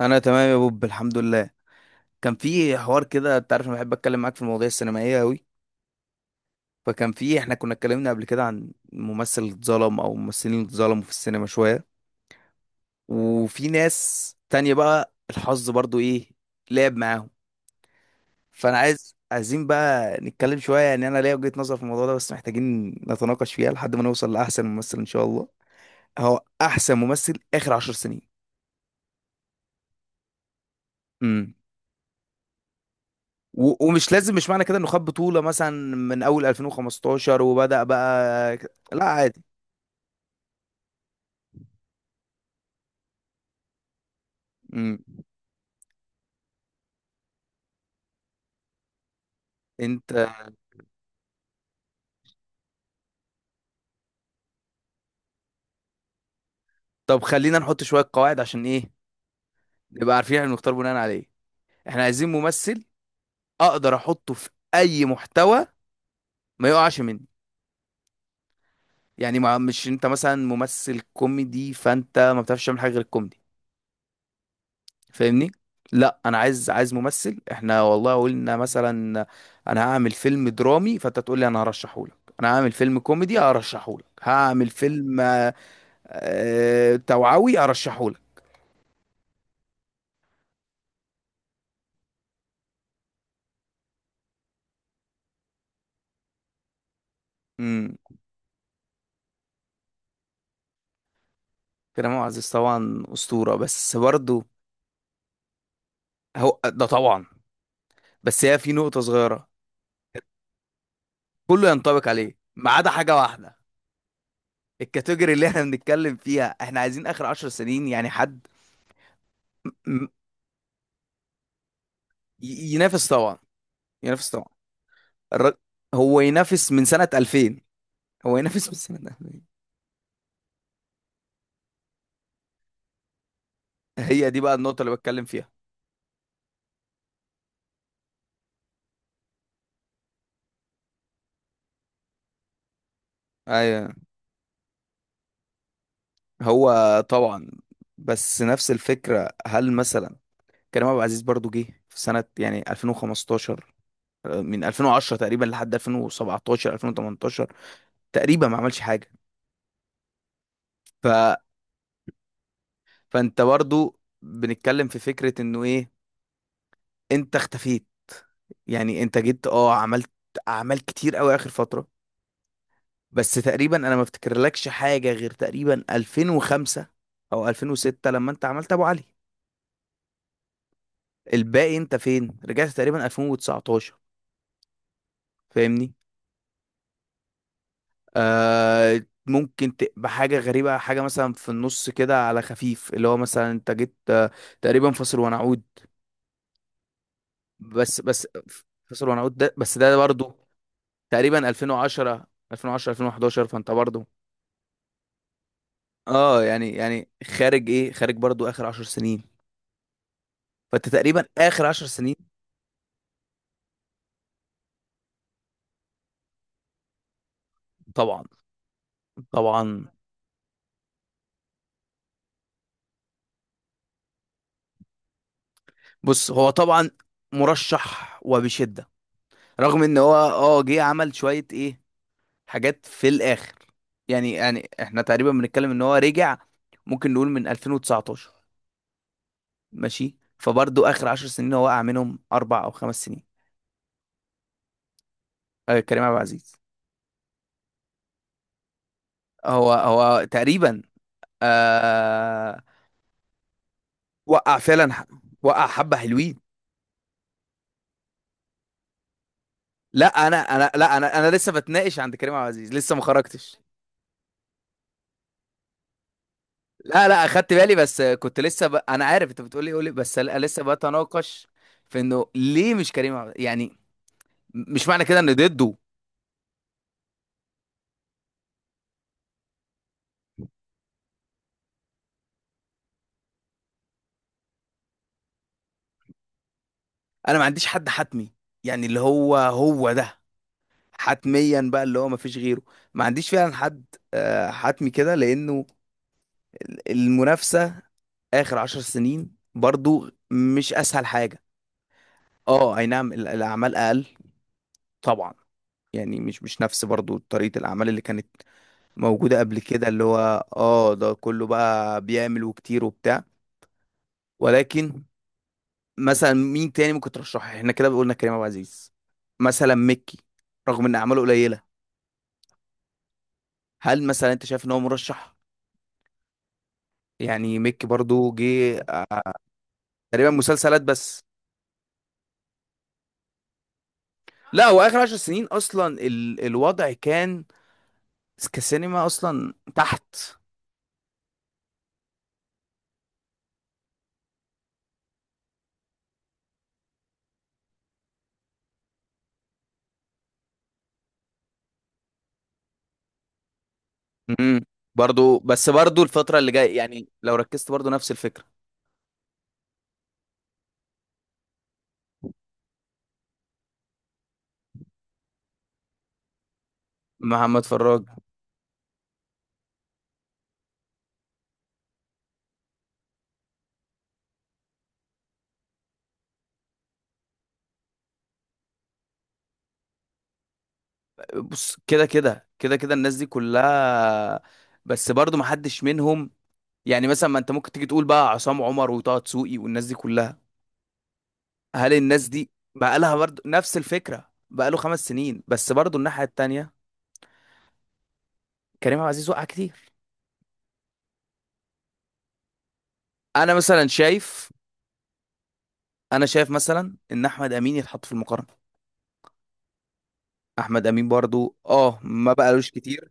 انا تمام يا بوب، الحمد لله. كان في حوار كده، انت عارف انا بحب اتكلم معاك في المواضيع السينمائيه قوي. فكان في، احنا كنا اتكلمنا قبل كده عن ممثل اتظلم او ممثلين اللي اتظلموا في السينما شويه، وفي ناس تانية بقى الحظ برضو ايه، لعب معاهم. فانا عايزين بقى نتكلم شويه، يعني انا ليا وجهه نظر في الموضوع ده بس محتاجين نتناقش فيها لحد ما نوصل لاحسن ممثل ان شاء الله. هو احسن ممثل اخر 10 سنين. امم ومش لازم، مش معنى كده انه خد بطولة مثلا من اول 2015 وبدأ بقى لا عادي. امم انت. طب خلينا نحط شوية قواعد عشان ايه نبقى عارفين احنا بنختار بناء على ايه. احنا عايزين ممثل اقدر احطه في اي محتوى، ما يقعش مني. يعني ما مش انت مثلا ممثل كوميدي فانت ما بتعرفش تعمل حاجة غير الكوميدي، فاهمني؟ لا، انا عايز ممثل. احنا والله قلنا مثلا انا هعمل فيلم درامي فانت تقول لي انا هرشحه لك، انا هعمل فيلم كوميدي هرشحه لك، هعمل فيلم توعوي هرشحه لك. امم كريم عبد العزيز طبعا اسطوره، بس برضه هو ده طبعا، بس هي في نقطه صغيره. كله ينطبق عليه ما عدا حاجه واحده. الكاتيجوري اللي احنا بنتكلم فيها، احنا عايزين اخر 10 سنين. يعني حد م- م- ينافس طبعا، ينافس طبعا. الر- هو ينافس من سنة 2000. هو ينافس من سنة 2000. هي دي بقى النقطة اللي بتكلم فيها. ايوه هو طبعا، بس نفس الفكرة. هل مثلا كريم عبد العزيز برضو جه في سنة يعني 2015، من 2010 تقريبا لحد 2017 2018 تقريبا ما عملش حاجة. ف... فانت برضو بنتكلم في فكرة انه ايه، انت اختفيت. يعني انت جيت، اه عملت اعمال كتير قوي اخر فترة، بس تقريبا انا ما افتكرلكش حاجه غير تقريبا 2005 او 2006 لما انت عملت ابو علي. الباقي انت فين؟ رجعت تقريبا 2019، فاهمني؟ آه ممكن تبقى حاجه غريبه، حاجه مثلا في النص كده على خفيف، اللي هو مثلا انت جيت، تقريبا فاصل ونعود. بس فاصل ونعود ده، بس ده برضو تقريبا 2010 2011 فانت برضو. اه يعني يعني خارج ايه، خارج برضو اخر 10 سنين، فانت تقريبا اخر 10 سنين. طبعا طبعا. بص هو طبعا مرشح وبشدة، رغم ان هو اه جه عمل شوية ايه، حاجات في الاخر. يعني يعني احنا تقريبا بنتكلم ان هو رجع، ممكن نقول من 2019. ماشي، فبرضه اخر 10 سنين هو وقع منهم 4 أو 5 سنين. آه كريم عبد العزيز. هو تقريبا، آه وقع فعلا، وقع حبة حلوين. لا انا لسه بتناقش عند كريم عبد العزيز لسه ما خرجتش. لا اخدت بالي، بس كنت لسه انا عارف انت بتقولي قولي بس، لسه بتناقش في انه ليه مش يعني مش معنى كده ان ضده. انا ما عنديش حد حتمي، يعني اللي هو هو ده حتميا بقى، اللي هو ما فيش غيره. ما عنديش فعلا حد حتمي كده، لانه المنافسة اخر 10 سنين برضو مش اسهل حاجة. اه اي نعم الاعمال اقل طبعا. يعني مش نفس برضو طريقة الاعمال اللي كانت موجودة قبل كده اللي هو اه ده كله بقى بيعمل وكتير وبتاع. ولكن مثلا مين تاني ممكن ترشحه؟ احنا كده قلنا كريم عبد العزيز. مثلا مكي، رغم ان اعماله قليلة، هل مثلا انت شايف ان هو مرشح؟ يعني مكي برضو جه، تقريبا مسلسلات بس. لا هو اخر 10 سنين اصلا الوضع كان كسينما اصلا تحت. امم برضو، بس برضو الفترة اللي جاية يعني لو ركزت برضو نفس الفكرة. محمد فراج، بص كده الناس دي كلها، بس برضو ما حدش منهم. يعني مثلا ما انت ممكن تيجي تقول بقى عصام عمر وطه دسوقي والناس دي كلها. هل الناس دي بقى لها برضو نفس الفكرة؟ بقى له 5 سنين بس برضو الناحية التانية، كريم عبد العزيز وقع كتير. انا مثلا شايف، انا شايف مثلا ان احمد امين يتحط في المقارنة. احمد امين برضو اه ما بقالوش كتير.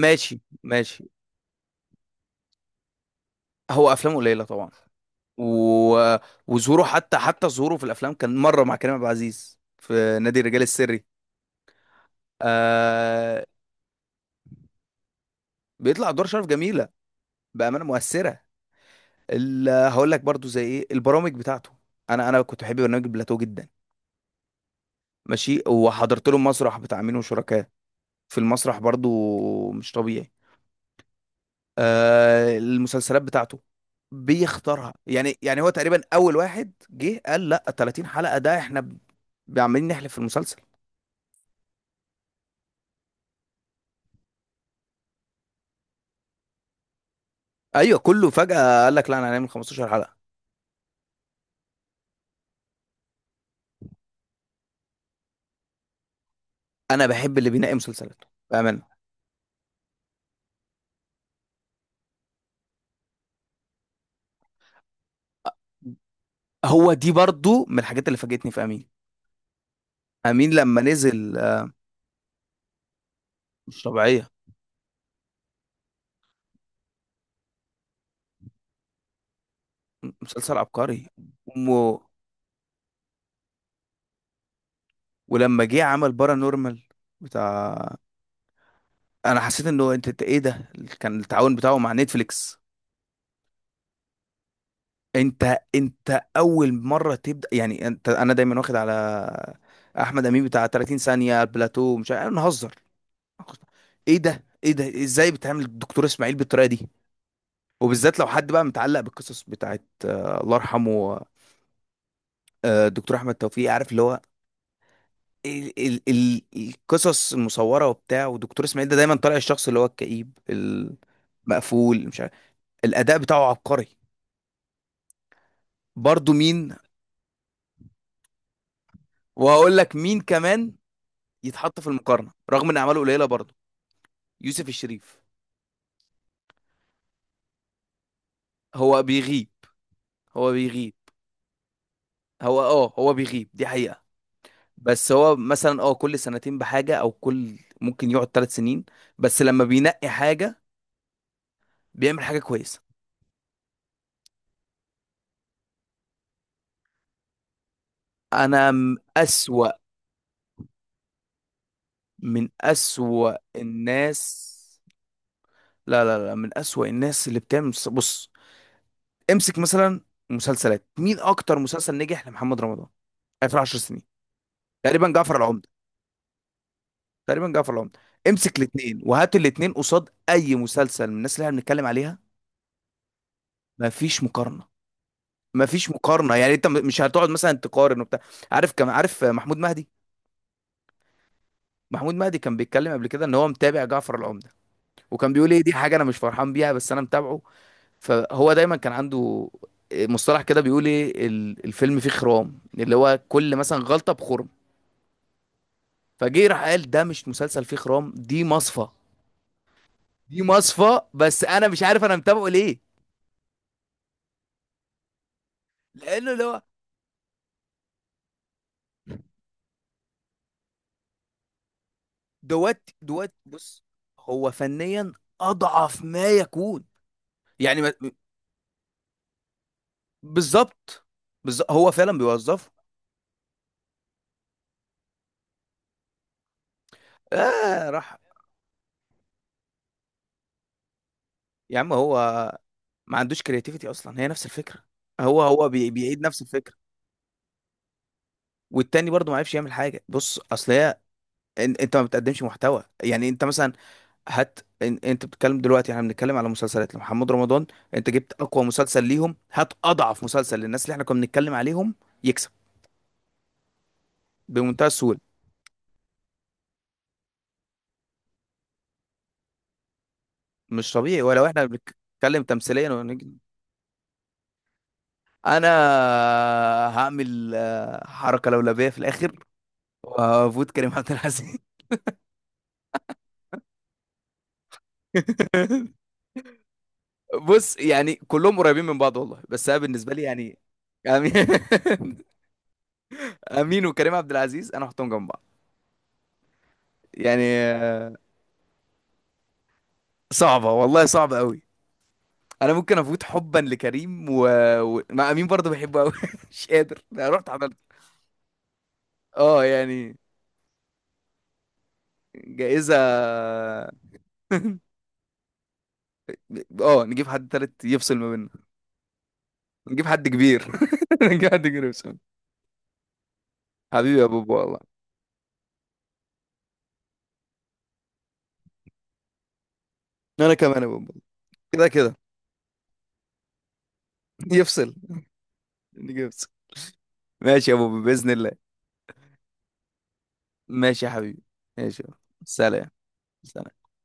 ماشي ماشي، هو افلامه قليلة طبعا و... وظهوره، حتى حتى ظهوره في الافلام كان مره مع كريم عبد العزيز في نادي الرجال السري. آه... بيطلع دور شرف جميله، بامانه مؤثره. هقول لك برضو زي ايه البرامج بتاعته. انا انا كنت بحب برنامج بلاتو جدا. ماشي، وحضرت له مسرح بتاع مين وشركاه في المسرح برضو. مش طبيعي. المسلسلات بتاعته بيختارها. يعني يعني هو تقريبا اول واحد جه قال لا 30 حلقه ده احنا عمالين نحلف في المسلسل. ايوه كله فجأة قال لك لا انا هنعمل 15 حلقة. انا بحب اللي بينقي مسلسلاته بأمانة. هو دي برضو من الحاجات اللي فاجئتني في امين. امين لما نزل، مش طبيعية. مسلسل عبقري و... ولما جه عمل بارا نورمال بتاع، انا حسيت انه انت ايه ده؟ كان التعاون بتاعه مع نتفليكس. انت انت اول مرة تبدأ. يعني انت انا دايما واخد على احمد امين بتاع 30 ثانية بلاتو مش عارف نهزر. ايه ده ايه ده، ازاي بتعمل الدكتور اسماعيل بالطريقة دي؟ وبالذات لو حد بقى متعلق بالقصص بتاعت الله يرحمه، دكتور احمد توفيق، عارف اللي هو ال القصص المصوره وبتاع. ودكتور اسماعيل ده دايما طالع الشخص اللي هو الكئيب، المقفول، مش عارف. الاداء بتاعه عبقري. برضه مين وهقول لك مين كمان يتحط في المقارنه رغم ان اعماله قليله برضه؟ يوسف الشريف. هو بيغيب هو بيغيب. هو اه هو بيغيب دي حقيقه، بس هو مثلا اه كل سنتين بحاجه، او كل ممكن يقعد 3 سنين، بس لما بينقي حاجه بيعمل حاجة كويسة. أنا أسوأ، من أسوأ الناس. لا، من أسوأ الناس اللي بتعمل بص، امسك مثلا. مسلسلات مين أكتر مسلسل نجح لمحمد رمضان آخر 10 سنين؟ تقريبا جعفر العمدة. تقريبا جعفر العمدة. امسك الاتنين وهات الاتنين قصاد أي مسلسل من الناس اللي احنا بنتكلم عليها. مفيش مقارنة مفيش مقارنة. يعني أنت مش هتقعد مثلا تقارن وبتاع. عارف كم، عارف محمود مهدي؟ محمود مهدي كان بيتكلم قبل كده إن هو متابع جعفر العمدة، وكان بيقول ايه دي حاجه انا مش فرحان بيها بس انا متابعه. فهو دايما كان عنده مصطلح كده، بيقول ايه الفيلم فيه خرام، اللي هو كل مثلا غلطه بخرم. فجه راح قال ده مش مسلسل فيه خرام، دي مصفى. دي مصفى، بس انا مش عارف انا متابعه ليه. لانه اللي هو دوت، بص هو فنيا اضعف ما يكون، يعني بالظبط. بالظبط هو فعلا بيوظفه. اه راح، يا عم هو ما عندوش كرياتيفيتي اصلا، هي نفس الفكره. هو بيعيد نفس الفكره. والتاني برضه ما عرفش يعمل حاجه. بص اصل هي، انت ما بتقدمش محتوى. يعني انت مثلا هات، انت بتتكلم دلوقتي، احنا بنتكلم على مسلسلات لمحمد رمضان. انت جبت اقوى مسلسل ليهم، هات اضعف مسلسل للناس اللي احنا كنا بنتكلم عليهم يكسب بمنتهى السهوله. مش طبيعي. ولو احنا بنتكلم تمثيليا انا هعمل، حركه لولبيه في الاخر وهفوت كريم عبد العزيز. بص يعني كلهم قريبين من بعض والله، بس انا بالنسبه لي يعني امين. امين وكريم عبد العزيز انا احطهم جنب بعض. يعني صعبه والله، صعبه قوي. انا ممكن افوت حبا لكريم مع امين برضه بحبه قوي. مش قادر، انا رحت عملت اه يعني جائزه. اه نجيب حد تالت يفصل ما بيننا، نجيب حد كبير. نجيب حد كبير يفصل. حبيبي يا بوبو والله. انا كمان يا بوبو. كده كده يفصل، نيجي يفصل. ماشي يا بوبو باذن الله. ماشي يا حبيبي، ماشي. سلام. سلام.